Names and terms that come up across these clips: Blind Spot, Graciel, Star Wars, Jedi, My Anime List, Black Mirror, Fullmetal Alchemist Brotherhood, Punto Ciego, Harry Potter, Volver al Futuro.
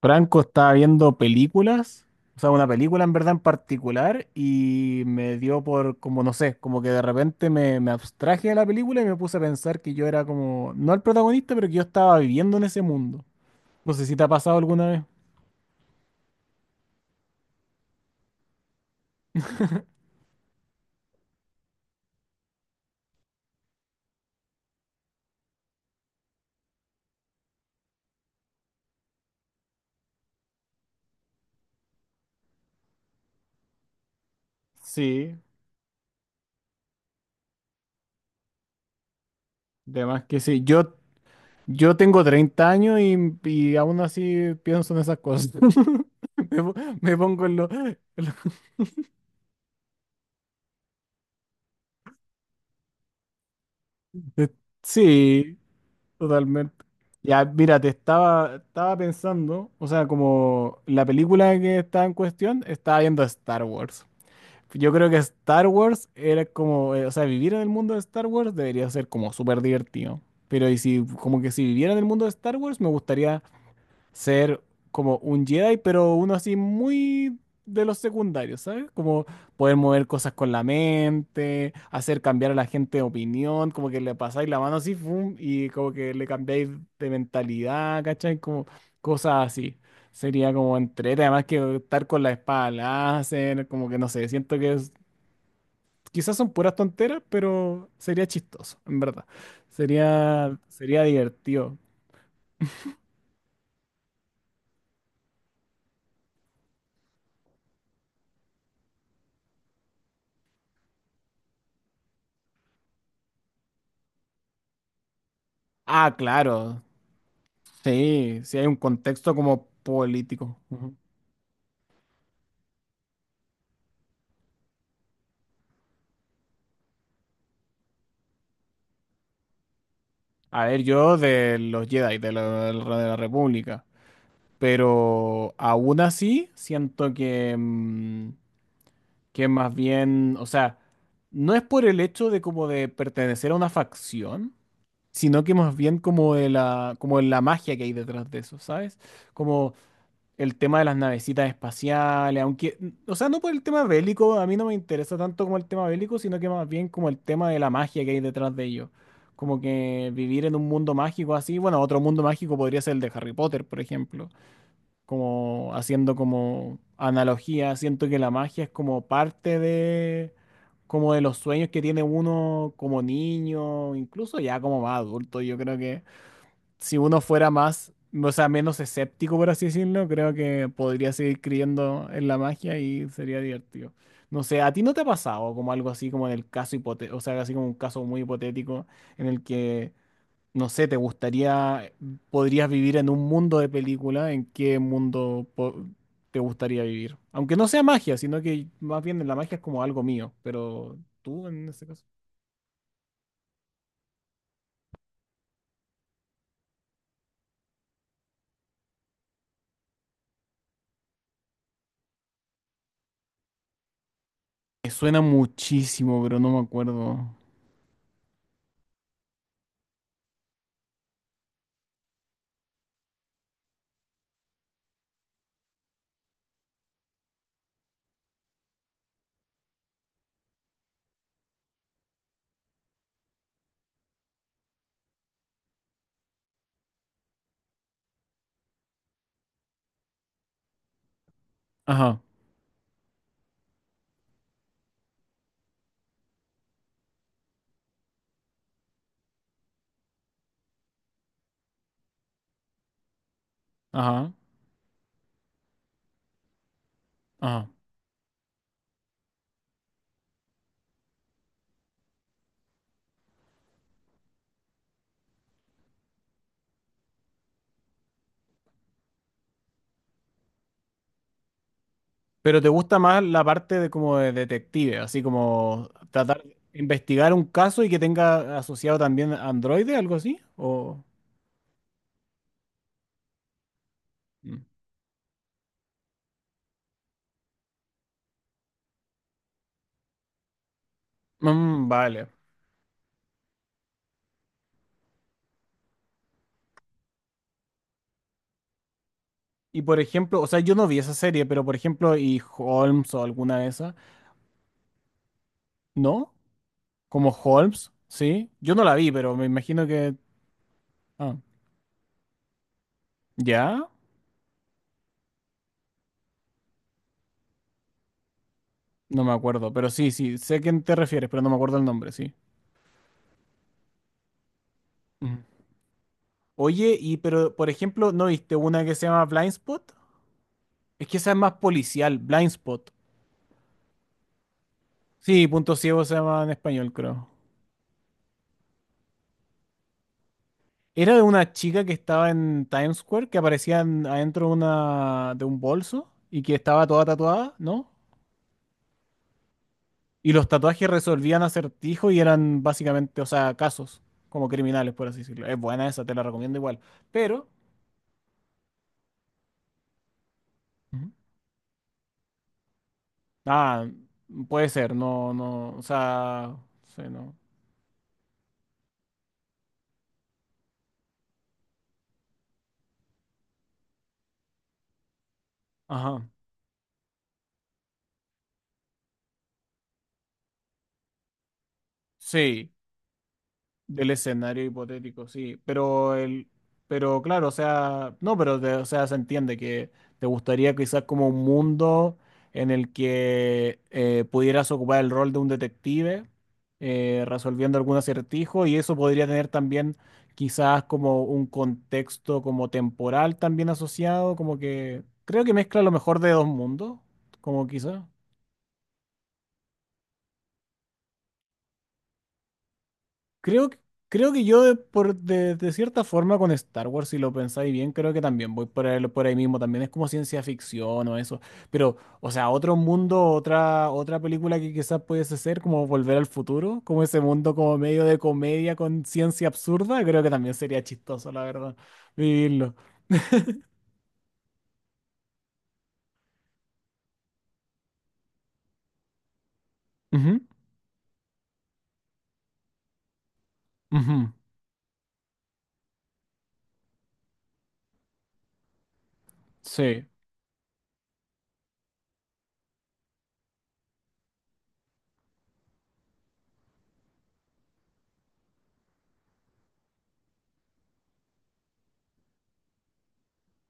Franco estaba viendo películas, o sea, una película en verdad en particular, y me dio por, como no sé, como que de repente me abstraje de la película y me puse a pensar que yo era como, no el protagonista, pero que yo estaba viviendo en ese mundo. No sé si te ha pasado alguna vez. Sí, de más que sí. Yo tengo 30 años y aún así pienso en esas cosas. Me, po- me pongo en en Sí, totalmente. Ya, mira, te estaba, estaba pensando, o sea, como la película que está en cuestión, estaba viendo Star Wars. Yo creo que Star Wars era como, o sea, vivir en el mundo de Star Wars debería ser como súper divertido. Pero y si, como que si viviera en el mundo de Star Wars, me gustaría ser como un Jedi, pero uno así muy de los secundarios, ¿sabes? Como poder mover cosas con la mente, hacer cambiar a la gente de opinión, como que le pasáis la mano así, fum, y como que le cambiáis de mentalidad, ¿cachai? Como cosas así. Sería como entrete, además que estar con la espada láser, como que no sé, siento que quizás son puras tonteras, pero sería chistoso, en verdad. Sería, sería divertido. Ah, claro. Sí, sí hay un contexto como político. Ujú. A ver, yo de los Jedi, de la República, pero aún así siento que, que más bien, o sea, no es por el hecho de como de pertenecer a una facción, sino que más bien como de la magia que hay detrás de eso, ¿sabes? Como el tema de las navecitas espaciales, aunque, o sea, no por el tema bélico, a mí no me interesa tanto como el tema bélico, sino que más bien como el tema de la magia que hay detrás de ello. Como que vivir en un mundo mágico así, bueno, otro mundo mágico podría ser el de Harry Potter, por ejemplo, como haciendo como analogía, siento que la magia es como parte de, como de los sueños que tiene uno como niño, incluso ya como más adulto, yo creo que si uno fuera más, o sea, menos escéptico, por así decirlo, creo que podría seguir creyendo en la magia y sería divertido. No sé, ¿a ti no te ha pasado como algo así, como en el caso hipotético, o sea, así como un caso muy hipotético en el que, no sé, te gustaría, podrías vivir en un mundo de película, ¿en qué te gustaría vivir? Aunque no sea magia, sino que más bien la magia es como algo mío, pero tú en este caso. Me suena muchísimo, pero no me acuerdo. Ajá, ajá, ajá. Pero te gusta más la parte de como de detective, así como tratar de investigar un caso y que tenga asociado también Android, algo así, o mm. Mm, vale. Y por ejemplo, o sea, yo no vi esa serie, pero por ejemplo, y Holmes o alguna de esas, ¿no? Como Holmes, ¿sí? Yo no la vi, pero me imagino que ah, ¿ya? No me acuerdo, pero sí, sí, sé a quién te refieres, pero no me acuerdo el nombre, sí. Ujú. Oye, y pero por ejemplo, ¿no viste una que se llama Blind Spot? Es que esa es más policial, Blind Spot. Sí, Punto Ciego se llama en español, creo. Era de una chica que estaba en Times Square, que aparecía adentro de una, de un bolso y que estaba toda tatuada, ¿no? Y los tatuajes resolvían acertijos y eran básicamente, o sea, casos como criminales, por así decirlo. Es buena esa, te la recomiendo igual. Pero, ujú. Ah, puede ser, no, no, o sea, sí, no. Ajá. Sí, del escenario hipotético, sí. Pero el, pero claro, o sea, no, pero o sea, se entiende que te gustaría quizás como un mundo en el que pudieras ocupar el rol de un detective resolviendo algún acertijo y eso podría tener también quizás como un contexto como temporal también asociado, como que creo que mezcla lo mejor de dos mundos, como quizás. Creo, que- creo que yo de, por, de, de cierta forma con Star Wars, si lo pensáis bien, creo que también voy por ahí mismo, también es como ciencia ficción o eso, pero, o sea, otro mundo, otra, otra película que quizás pudiese ser como Volver al Futuro, como ese mundo como medio de comedia con ciencia absurda, creo que también sería chistoso, la verdad, vivirlo. Ujú, ujú, sí,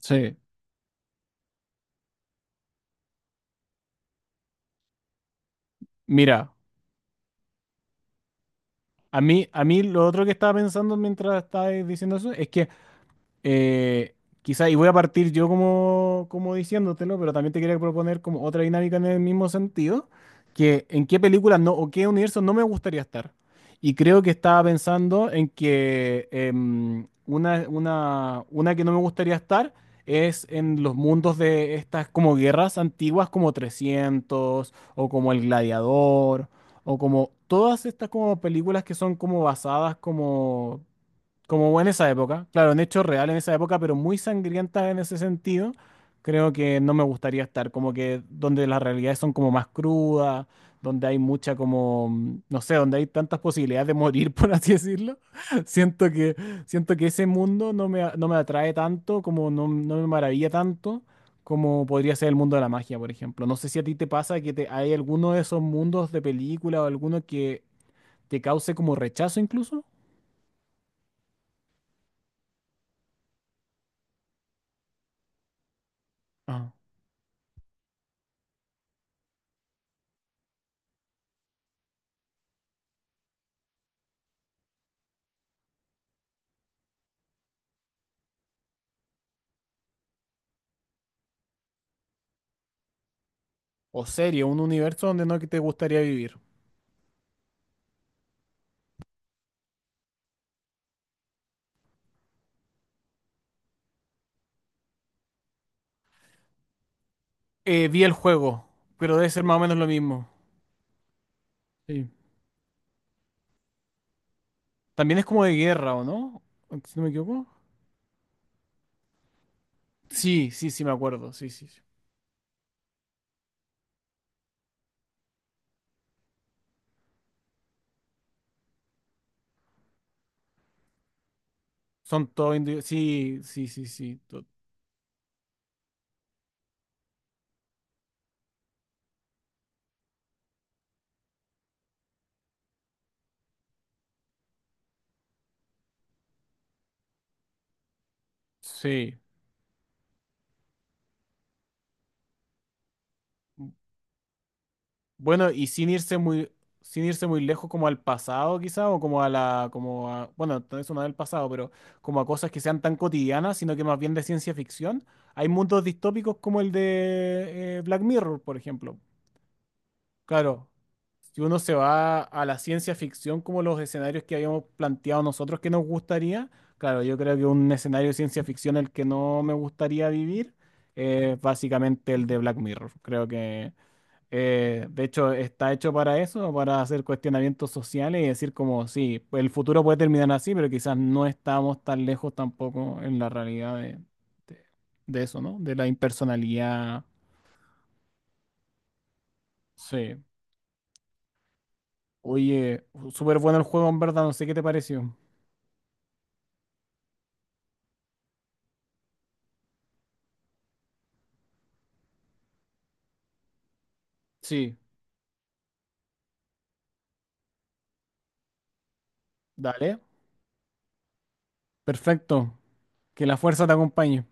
sí. Mira, a mí lo otro que estaba pensando mientras estaba diciendo eso es que... Eh, quizá, y voy a partir yo como, como diciéndotelo, pero también te quería proponer como otra dinámica en el mismo sentido, que en qué películas no, o qué universo no me gustaría estar. Y creo que estaba pensando en que una que no me gustaría estar es en los mundos de estas como guerras antiguas como 300 o como El Gladiador o como todas estas como películas que son como basadas como como hubo en esa época, claro, en hecho real en esa época, pero muy sangrienta en ese sentido, creo que no me gustaría estar, como que donde las realidades son como más crudas, donde hay mucha como, no sé, donde hay tantas posibilidades de morir, por así decirlo. Siento que, siento que ese mundo no me, no me atrae tanto, como no, no me maravilla tanto, como podría ser el mundo de la magia, por ejemplo. No sé si a ti te pasa que te, hay alguno de esos mundos de película o alguno que te cause como rechazo incluso. O serie, un universo donde no te gustaría vivir. Vi el juego, pero debe ser más o menos lo mismo. Sí. También es como de guerra, ¿o no? Si no me equivoco. Sí, sí, sí, me acuerdo. Sí, sí, sí. Son todos sí, sí, sí, sí, sí. Bueno, y sin irse muy, sin irse muy lejos como al pasado, quizá, o como a la, como a, bueno, eso no es del pasado, pero como a cosas que sean tan cotidianas, sino que más bien de ciencia ficción. Hay mundos distópicos como el de Black Mirror, por ejemplo. Claro, si uno se va a la ciencia ficción como los escenarios que habíamos planteado nosotros que nos gustaría, claro, yo creo que un escenario de ciencia ficción el que no me gustaría vivir es básicamente el de Black Mirror. Creo que, de hecho, está hecho para eso, para hacer cuestionamientos sociales y decir como, sí, el futuro puede terminar así, pero quizás no estamos tan lejos tampoco en la realidad de de eso, ¿no? De la impersonalidad, sí. Oye, súper bueno el juego, en verdad, no sé qué te pareció. Sí, dale. Perfecto. Que la fuerza te acompañe.